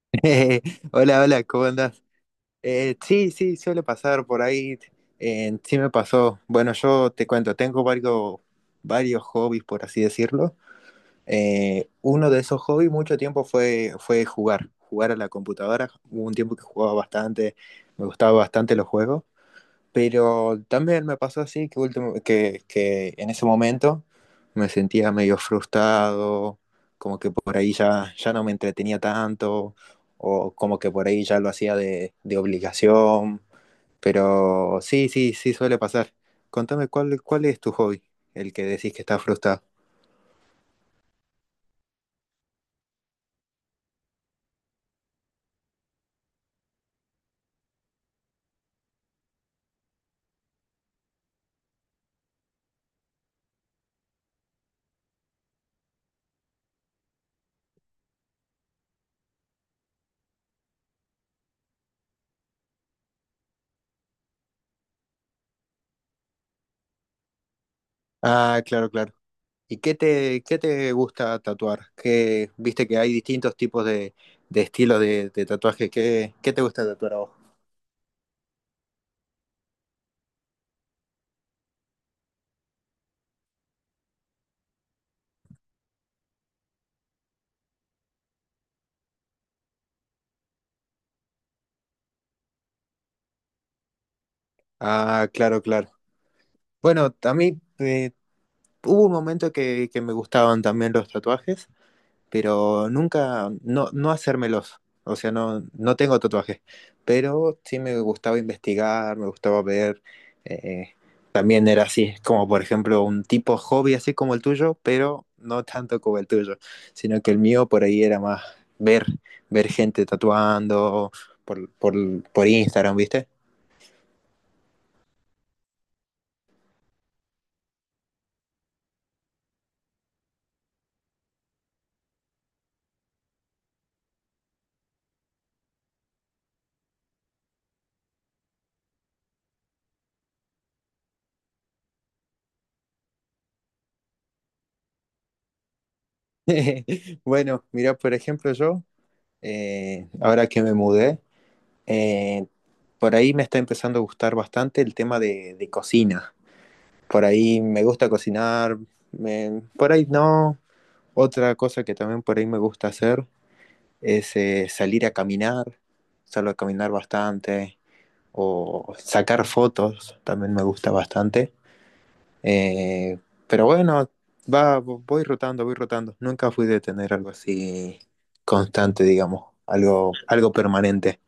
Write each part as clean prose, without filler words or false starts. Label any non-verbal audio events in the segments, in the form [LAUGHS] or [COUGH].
[LAUGHS] Eh, Hola, hola, ¿cómo andás? Sí, sí, suele pasar por ahí. Sí me pasó. Bueno, yo te cuento, tengo varios hobbies, por así decirlo. Uno de esos hobbies mucho tiempo fue jugar a la computadora. Hubo un tiempo que jugaba bastante, me gustaba bastante los juegos. Pero también me pasó así que en ese momento me sentía medio frustrado, como que por ahí ya no me entretenía tanto, o como que por ahí ya lo hacía de obligación. Pero sí, sí, sí suele pasar. Contame, ¿ cuál es tu hobby? El que decís que estás frustrado. Ah, claro, claro. ¿Y qué qué te gusta tatuar? ¿Qué, viste que hay distintos tipos de estilos de tatuaje? ¿Qué, qué te gusta tatuar a vos? Ah, claro, claro. Bueno, a mí hubo un momento que me gustaban también los tatuajes, pero nunca, no, no hacérmelos. O sea, no, no tengo tatuajes, pero sí me gustaba investigar, me gustaba ver. eh, También era así, como por ejemplo un tipo hobby así como el tuyo, pero no tanto como el tuyo, sino que el mío por ahí era más ver, ver gente tatuando por, por, por Instagram, ¿viste? [LAUGHS] Bueno, mira, por ejemplo, yo. Ahora que me mudé. Eh, por ahí me está empezando a gustar bastante el tema de cocina. Por ahí me gusta cocinar, por ahí no. Otra cosa que también por ahí me gusta hacer es salir a caminar, salgo a caminar bastante, o sacar fotos, también me gusta bastante. Eh, pero bueno, voy voy rotando. Nunca fui de tener algo así constante, digamos, algo, algo permanente.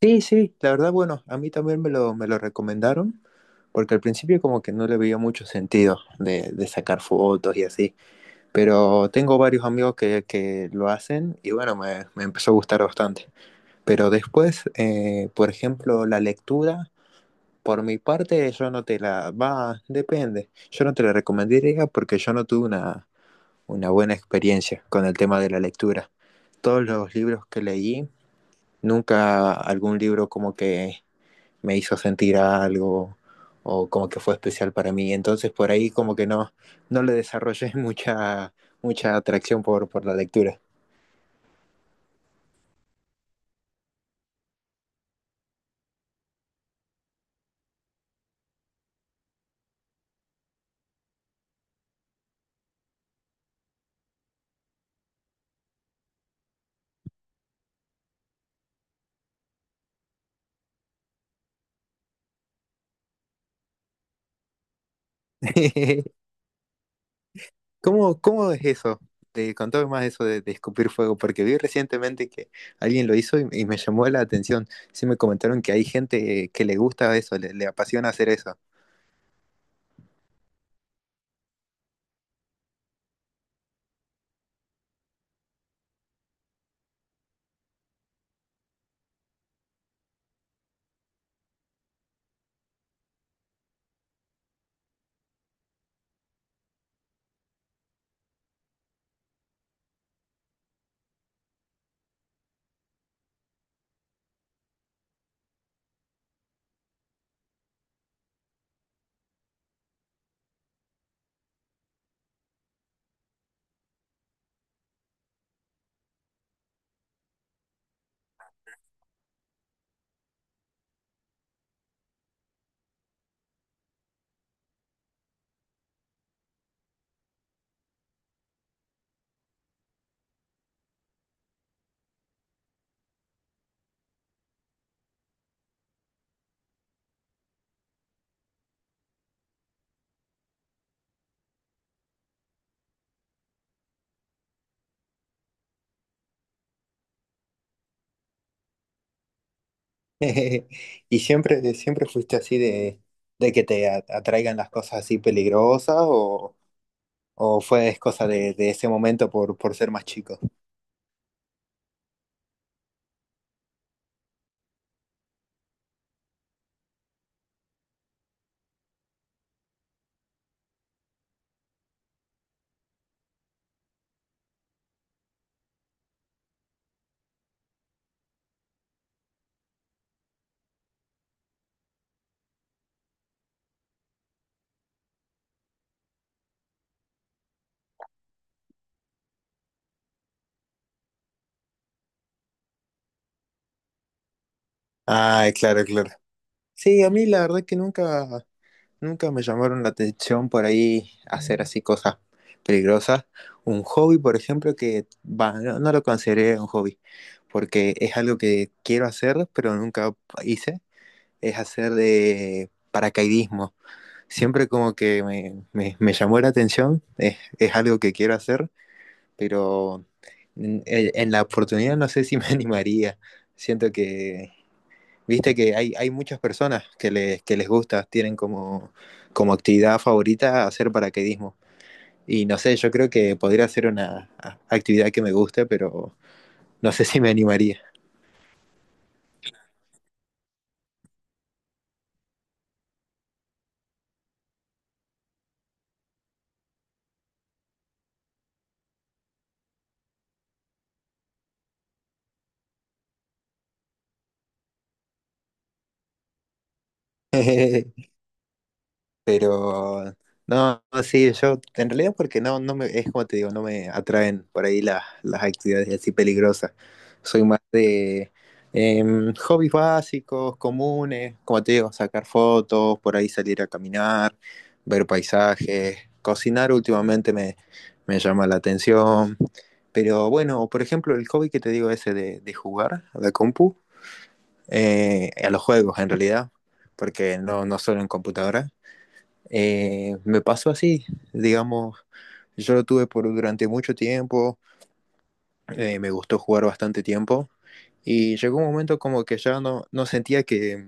Sí, sí, la verdad, bueno, a mí también me me lo recomendaron, porque al principio como que no le veía mucho sentido de sacar fotos y así, pero tengo varios amigos que lo hacen y bueno, me empezó a gustar bastante. Pero después, por ejemplo, la lectura, por mi parte, yo no te depende, yo no te la recomendaría porque yo no tuve una buena experiencia con el tema de la lectura. Todos los libros que leí, nunca algún libro como que me hizo sentir algo o como que fue especial para mí. Entonces por ahí como que no, no le desarrollé [LAUGHS] mucha, mucha atracción por la lectura. [LAUGHS] ¿Cómo es eso? Te contame más eso de escupir fuego, porque vi recientemente que alguien lo hizo y me llamó la atención. Sí me comentaron que hay gente que le gusta eso, le apasiona hacer eso. [LAUGHS] ¿Y siempre, siempre fuiste así de, de que te atraigan las cosas así peligrosas o, ¿O fue es cosa de ese momento por ser más chico? Ah, claro, claro. Sí, a mí la verdad que nunca, nunca me llamaron la atención por ahí hacer así cosas peligrosas. Un hobby, por ejemplo, que bah, no, no lo consideré un hobby, porque es algo que quiero hacer, pero nunca hice, es hacer de paracaidismo. Siempre como que me llamó la atención, es algo que quiero hacer, pero en la oportunidad no sé si me [LAUGHS] animaría. Siento que, viste que hay muchas personas que que les gusta, tienen como, como actividad favorita hacer paracaidismo. Y no sé, yo creo que podría ser una actividad que me guste, pero no sé si me animaría. [LAUGHS] Pero no, sí, yo en realidad porque no, no me, es como te digo, no me atraen por ahí las actividades así peligrosas. Soy más de hobbies básicos, comunes, como te digo, sacar fotos, por ahí salir a caminar, ver paisajes, cocinar últimamente me llama la atención. Pero bueno, por ejemplo, el hobby que te digo ese de jugar a la compu, a los juegos en realidad, porque no, no solo en computadora. Me pasó así, digamos, yo lo tuve por durante mucho tiempo, me gustó jugar bastante tiempo y llegó un momento como que ya no, no sentía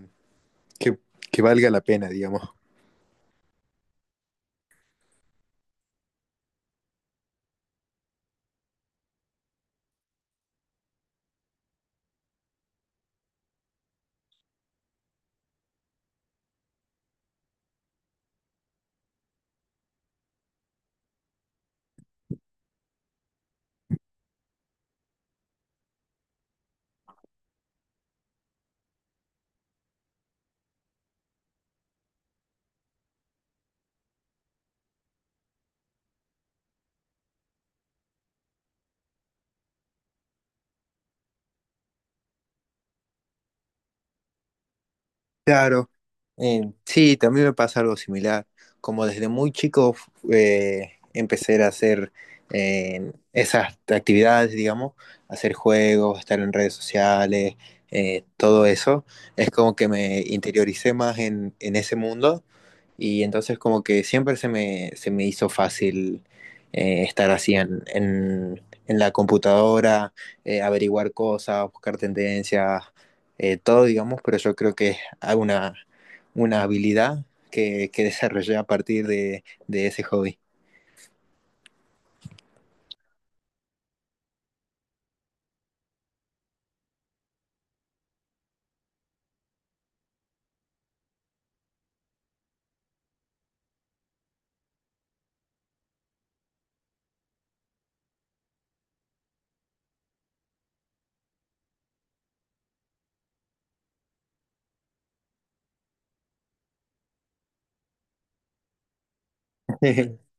que, que valga la pena, digamos. Claro, sí, también me pasa algo similar. Como desde muy chico empecé a hacer esas actividades, digamos, hacer juegos, estar en redes sociales, todo eso, es como que me interioricé más en ese mundo. Y entonces como que siempre se me hizo fácil estar así en la computadora, averiguar cosas, buscar tendencias, todo, digamos, pero yo creo que es una, una habilidad que desarrollé a partir de ese hobby. [LAUGHS]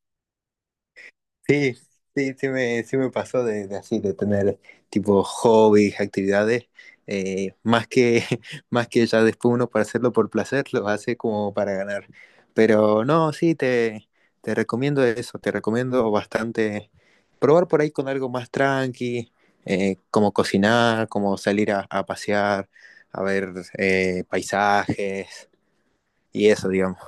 Sí, sí me pasó de así, de tener tipo hobbies, actividades, más que, [LAUGHS] más que ya después uno para hacerlo por placer, lo hace como para ganar. Pero no, te recomiendo eso, te recomiendo bastante probar por ahí con algo más tranqui, como cocinar, como salir a pasear, a ver paisajes y eso, digamos.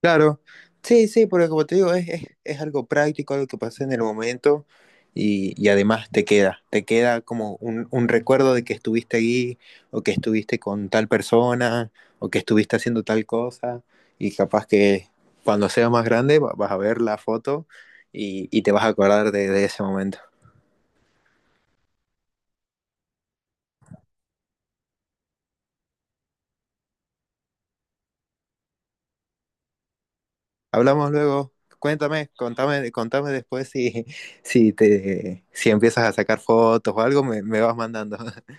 Claro, sí, sí, porque como te digo, es algo práctico, algo que pasa en el momento y además te queda como un recuerdo de que estuviste ahí o que estuviste con tal persona o que estuviste haciendo tal cosa y capaz que cuando seas más grande vas a ver la foto y te vas a acordar de ese momento. Hablamos luego, contame después [LAUGHS] si empiezas a sacar fotos o algo, me vas mandando. [LAUGHS]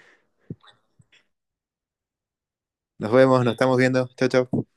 Nos vemos, nos estamos viendo, chao, chao.